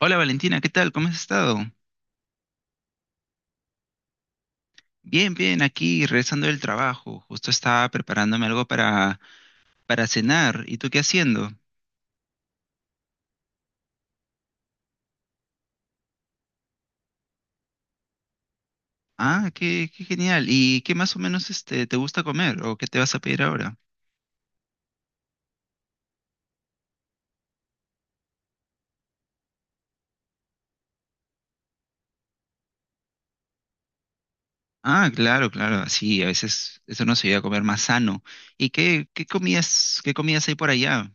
Hola Valentina, ¿qué tal? ¿Cómo has estado? Bien, bien, aquí regresando del trabajo. Justo estaba preparándome algo para cenar. ¿Y tú qué haciendo? Ah, qué, qué genial. ¿Y qué más o menos te gusta comer o qué te vas a pedir ahora? Ah, claro, claro. Sí, a veces eso nos ayuda a comer más sano. ¿Y qué, qué comidas hay por allá?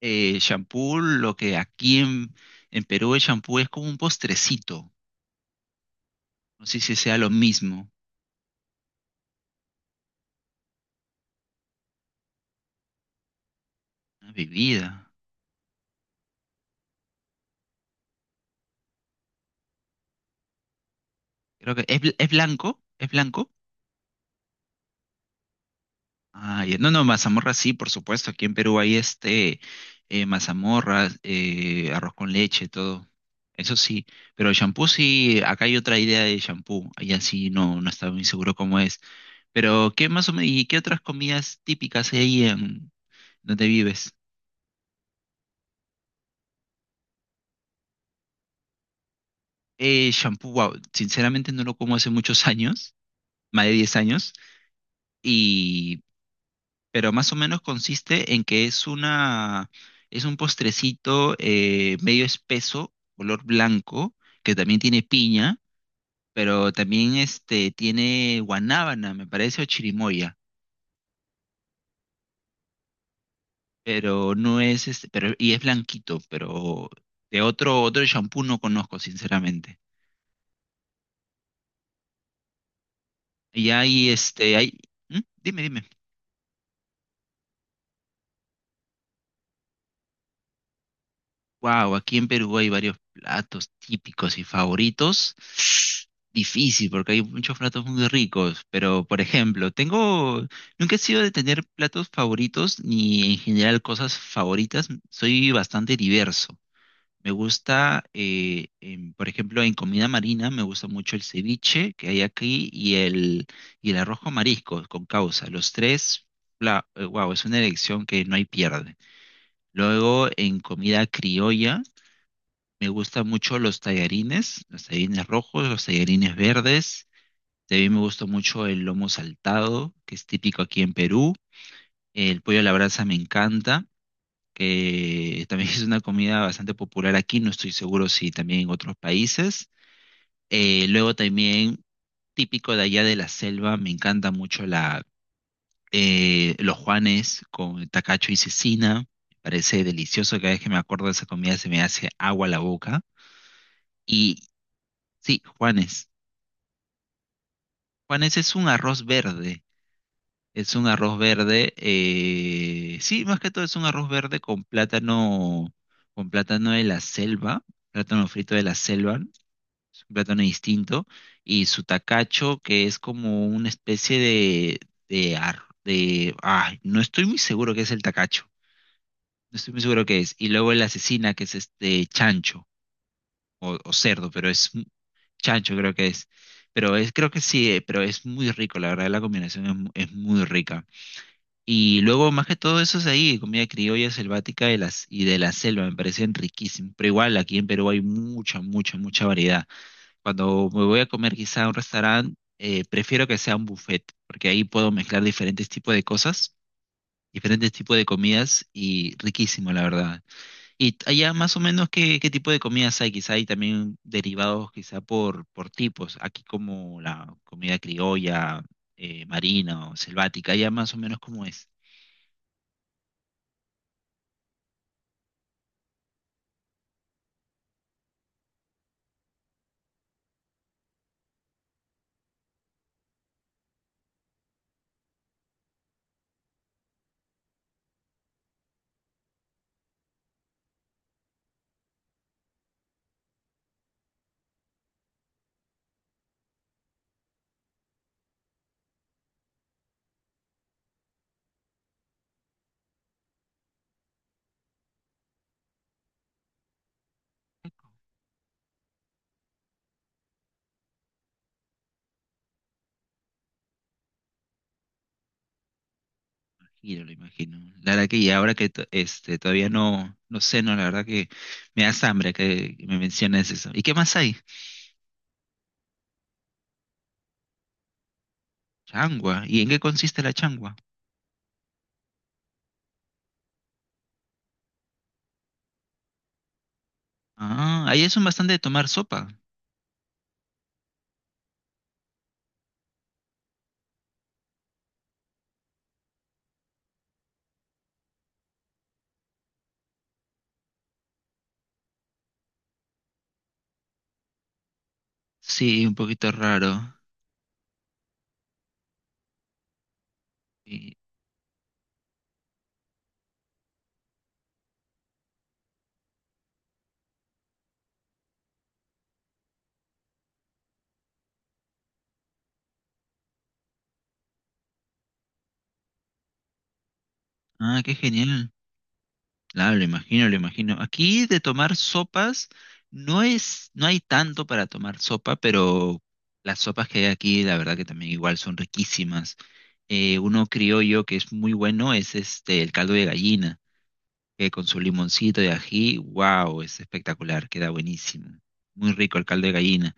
Champú, lo que aquí en Perú el champú es como un postrecito. No sé si sea lo mismo. Una bebida. Creo que es, es blanco, es blanco. Ah, ya. No, no, mazamorra sí, por supuesto. Aquí en Perú hay mazamorra, arroz con leche, todo. Eso sí. Pero el shampoo sí, acá hay otra idea de champú. Allá sí no, no estaba muy seguro cómo es. Pero, ¿qué más o menos, y qué otras comidas típicas hay ahí en donde vives? Shampoo, wow, sinceramente no lo como hace muchos años, más de 10 años. y pero más o menos consiste en que es una, es un postrecito medio espeso, color blanco, que también tiene piña, pero también tiene guanábana, me parece, o chirimoya, pero no es, y es blanquito, pero de otro, otro shampoo no conozco, sinceramente. Y hay, hay, ¿Mm? Dime, dime. Wow, aquí en Perú hay varios platos típicos y favoritos. Difícil, porque hay muchos platos muy ricos, pero por ejemplo, tengo, nunca he sido de tener platos favoritos ni en general cosas favoritas, soy bastante diverso. Me gusta, por ejemplo, en comida marina me gusta mucho el ceviche que hay aquí y el arroz con mariscos con causa. Los tres, wow, es una elección que no hay pierde. Luego en comida criolla. Me gustan mucho los tallarines rojos, los tallarines verdes. También me gusta mucho el lomo saltado, que es típico aquí en Perú. El pollo a la brasa me encanta, que también es una comida bastante popular aquí, no estoy seguro si también en otros países. Luego también, típico de allá de la selva, me encanta mucho los juanes con tacacho y cecina. Me parece delicioso, cada vez que me acuerdo de esa comida se me hace agua la boca. Y sí, juanes. Juan, ese es un arroz verde. Es un arroz verde. Sí, más que todo es un arroz verde con plátano de la selva, plátano frito de la selva, es un plátano distinto. Y su tacacho, que es como una especie de, de, ay, no estoy muy seguro qué es el tacacho. No estoy muy seguro qué es. Y luego el asesina, que es este chancho o cerdo, pero es. Chancho creo que es. Pero es, creo que sí, pero es muy rico, la verdad, la combinación es, es muy rica. Y luego, más que todo eso es ahí, comida criolla selvática de las, y de la selva, me parecen riquísimos. Pero igual, aquí en Perú hay mucha, mucha, mucha variedad. Cuando me voy a comer quizá a un restaurante, prefiero que sea un buffet, porque ahí puedo mezclar diferentes tipos de cosas, diferentes tipos de comidas y riquísimo, la verdad. Y allá más o menos qué, qué tipo de comidas hay, quizá hay también derivados quizá por tipos, aquí como la comida criolla, marina o selvática, allá más o menos como es. Giro, lo imagino. La verdad que y ahora que todavía no, no sé, no, la verdad que me da hambre que me menciones eso. ¿Y qué más hay? Changua. ¿Y en qué consiste la changua? Ah, ahí es un bastante de tomar sopa. Sí, un poquito raro. Y- ah, qué genial. Claro, lo imagino, lo imagino. Aquí de tomar sopas, no es, no hay tanto para tomar sopa, pero las sopas que hay aquí, la verdad que también igual son riquísimas. Uno criollo que es muy bueno es el caldo de gallina, que con su limoncito de ají, wow, es espectacular, queda buenísimo. Muy rico el caldo de gallina.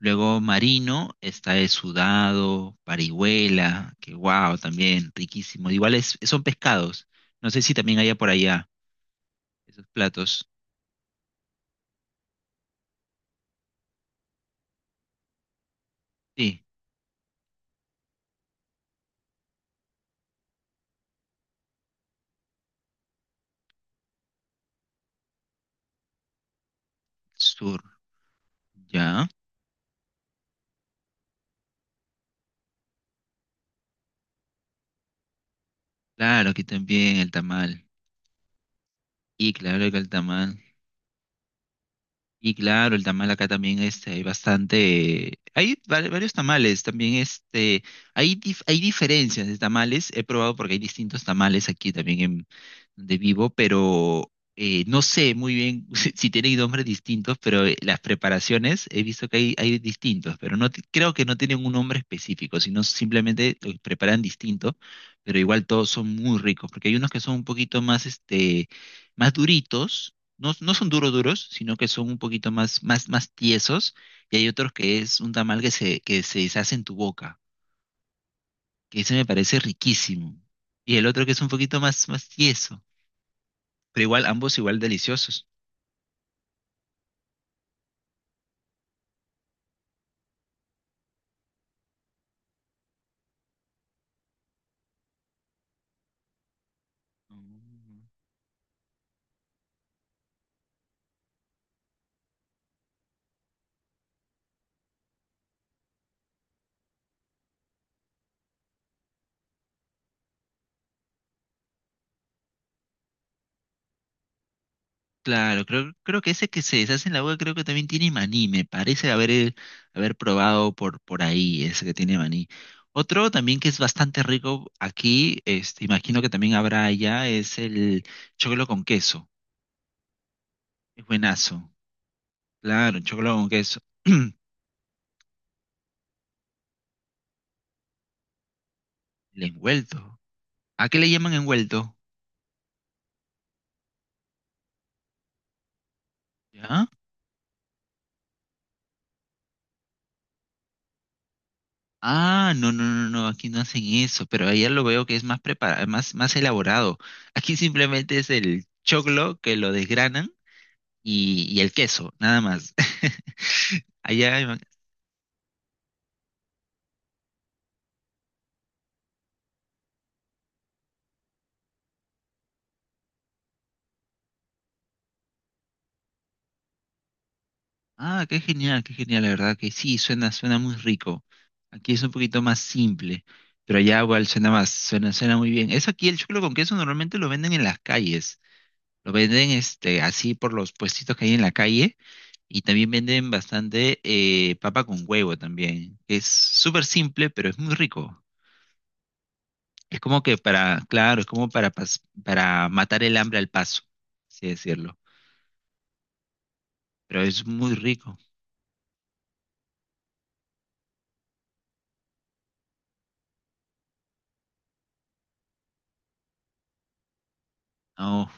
Luego marino, está el sudado, parihuela, que wow, también riquísimo. Igual es, son pescados. No sé si también haya por allá. Esos platos. Sí, sur. Ya. Claro, aquí también el tamal. Y claro que el tamal. Y claro, el tamal acá también hay bastante. Hay varios tamales también. Hay, hay diferencias de tamales. He probado porque hay distintos tamales aquí también en donde vivo, pero no sé muy bien si, si tienen nombres distintos, pero las preparaciones he visto que hay distintos, pero creo que no tienen un nombre específico, sino simplemente lo preparan distinto, pero igual todos son muy ricos, porque hay unos que son un poquito más, más duritos, no, no son duros duros, sino que son un poquito más, más, más tiesos, y hay otros que es un tamal que se deshace en tu boca, que ese me parece riquísimo. Y el otro que es un poquito más, más tieso, pero igual, ambos igual deliciosos. Mm. Claro, creo, creo que ese que se deshace en la boca creo que también tiene maní, me parece haber, haber probado por ahí ese que tiene maní. Otro también que es bastante rico aquí, imagino que también habrá allá, es el choclo con queso, es buenazo. Claro, un chocolate con queso. El envuelto. ¿A qué le llaman envuelto? ¿Ya? Ah, no, no, no, no, aquí no hacen eso, pero allá lo veo que es más preparado, más, más elaborado. Aquí simplemente es el choclo que lo desgranan y el queso, nada más. Allá, hay ah, qué genial, la verdad que sí, suena, suena muy rico. Aquí es un poquito más simple, pero allá igual suena más, suena, suena muy bien. Eso aquí el choclo con queso normalmente lo venden en las calles. Lo venden así por los puestitos que hay en la calle y también venden bastante papa con huevo también. Es súper simple, pero es muy rico. Es como que para, claro, es como para, para matar el hambre al paso, así decirlo. Pero es muy rico. Oh,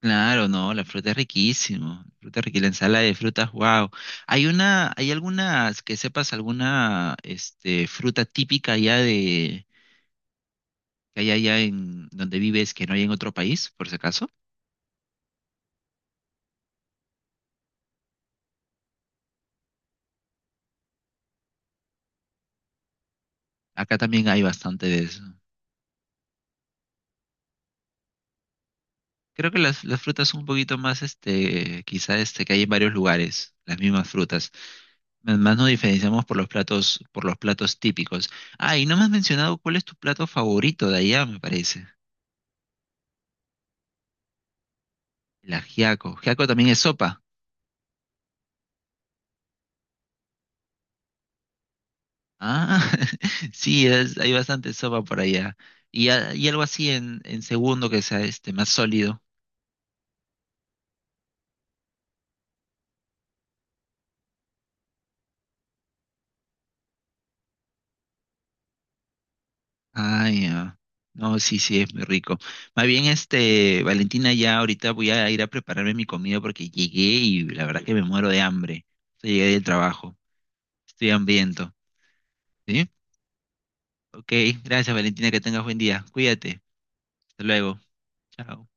claro, no, la fruta es riquísimo. La fruta es riquísima, la ensalada de frutas, wow. Hay una, hay algunas que sepas alguna fruta típica allá de, que hay allá en donde vives que no hay en otro país, por si acaso. Acá también hay bastante de eso. Creo que las frutas son un poquito más, que hay en varios lugares, las mismas frutas. Más más nos diferenciamos por los platos típicos. Ah, y no me has mencionado cuál es tu plato favorito de allá, me parece. El ajiaco. Ajiaco también es sopa. Ah, sí, hay bastante sopa por allá. Y, y algo así en segundo que sea más sólido. Ah, ya. No, sí, sí, es muy rico. Más bien, este, Valentina, ya ahorita voy a ir a prepararme mi comida porque llegué y la verdad que me muero de hambre. O sea, llegué del trabajo. Estoy hambriento. ¿Sí? Ok, gracias, Valentina, que tengas buen día. Cuídate. Hasta luego. Chao.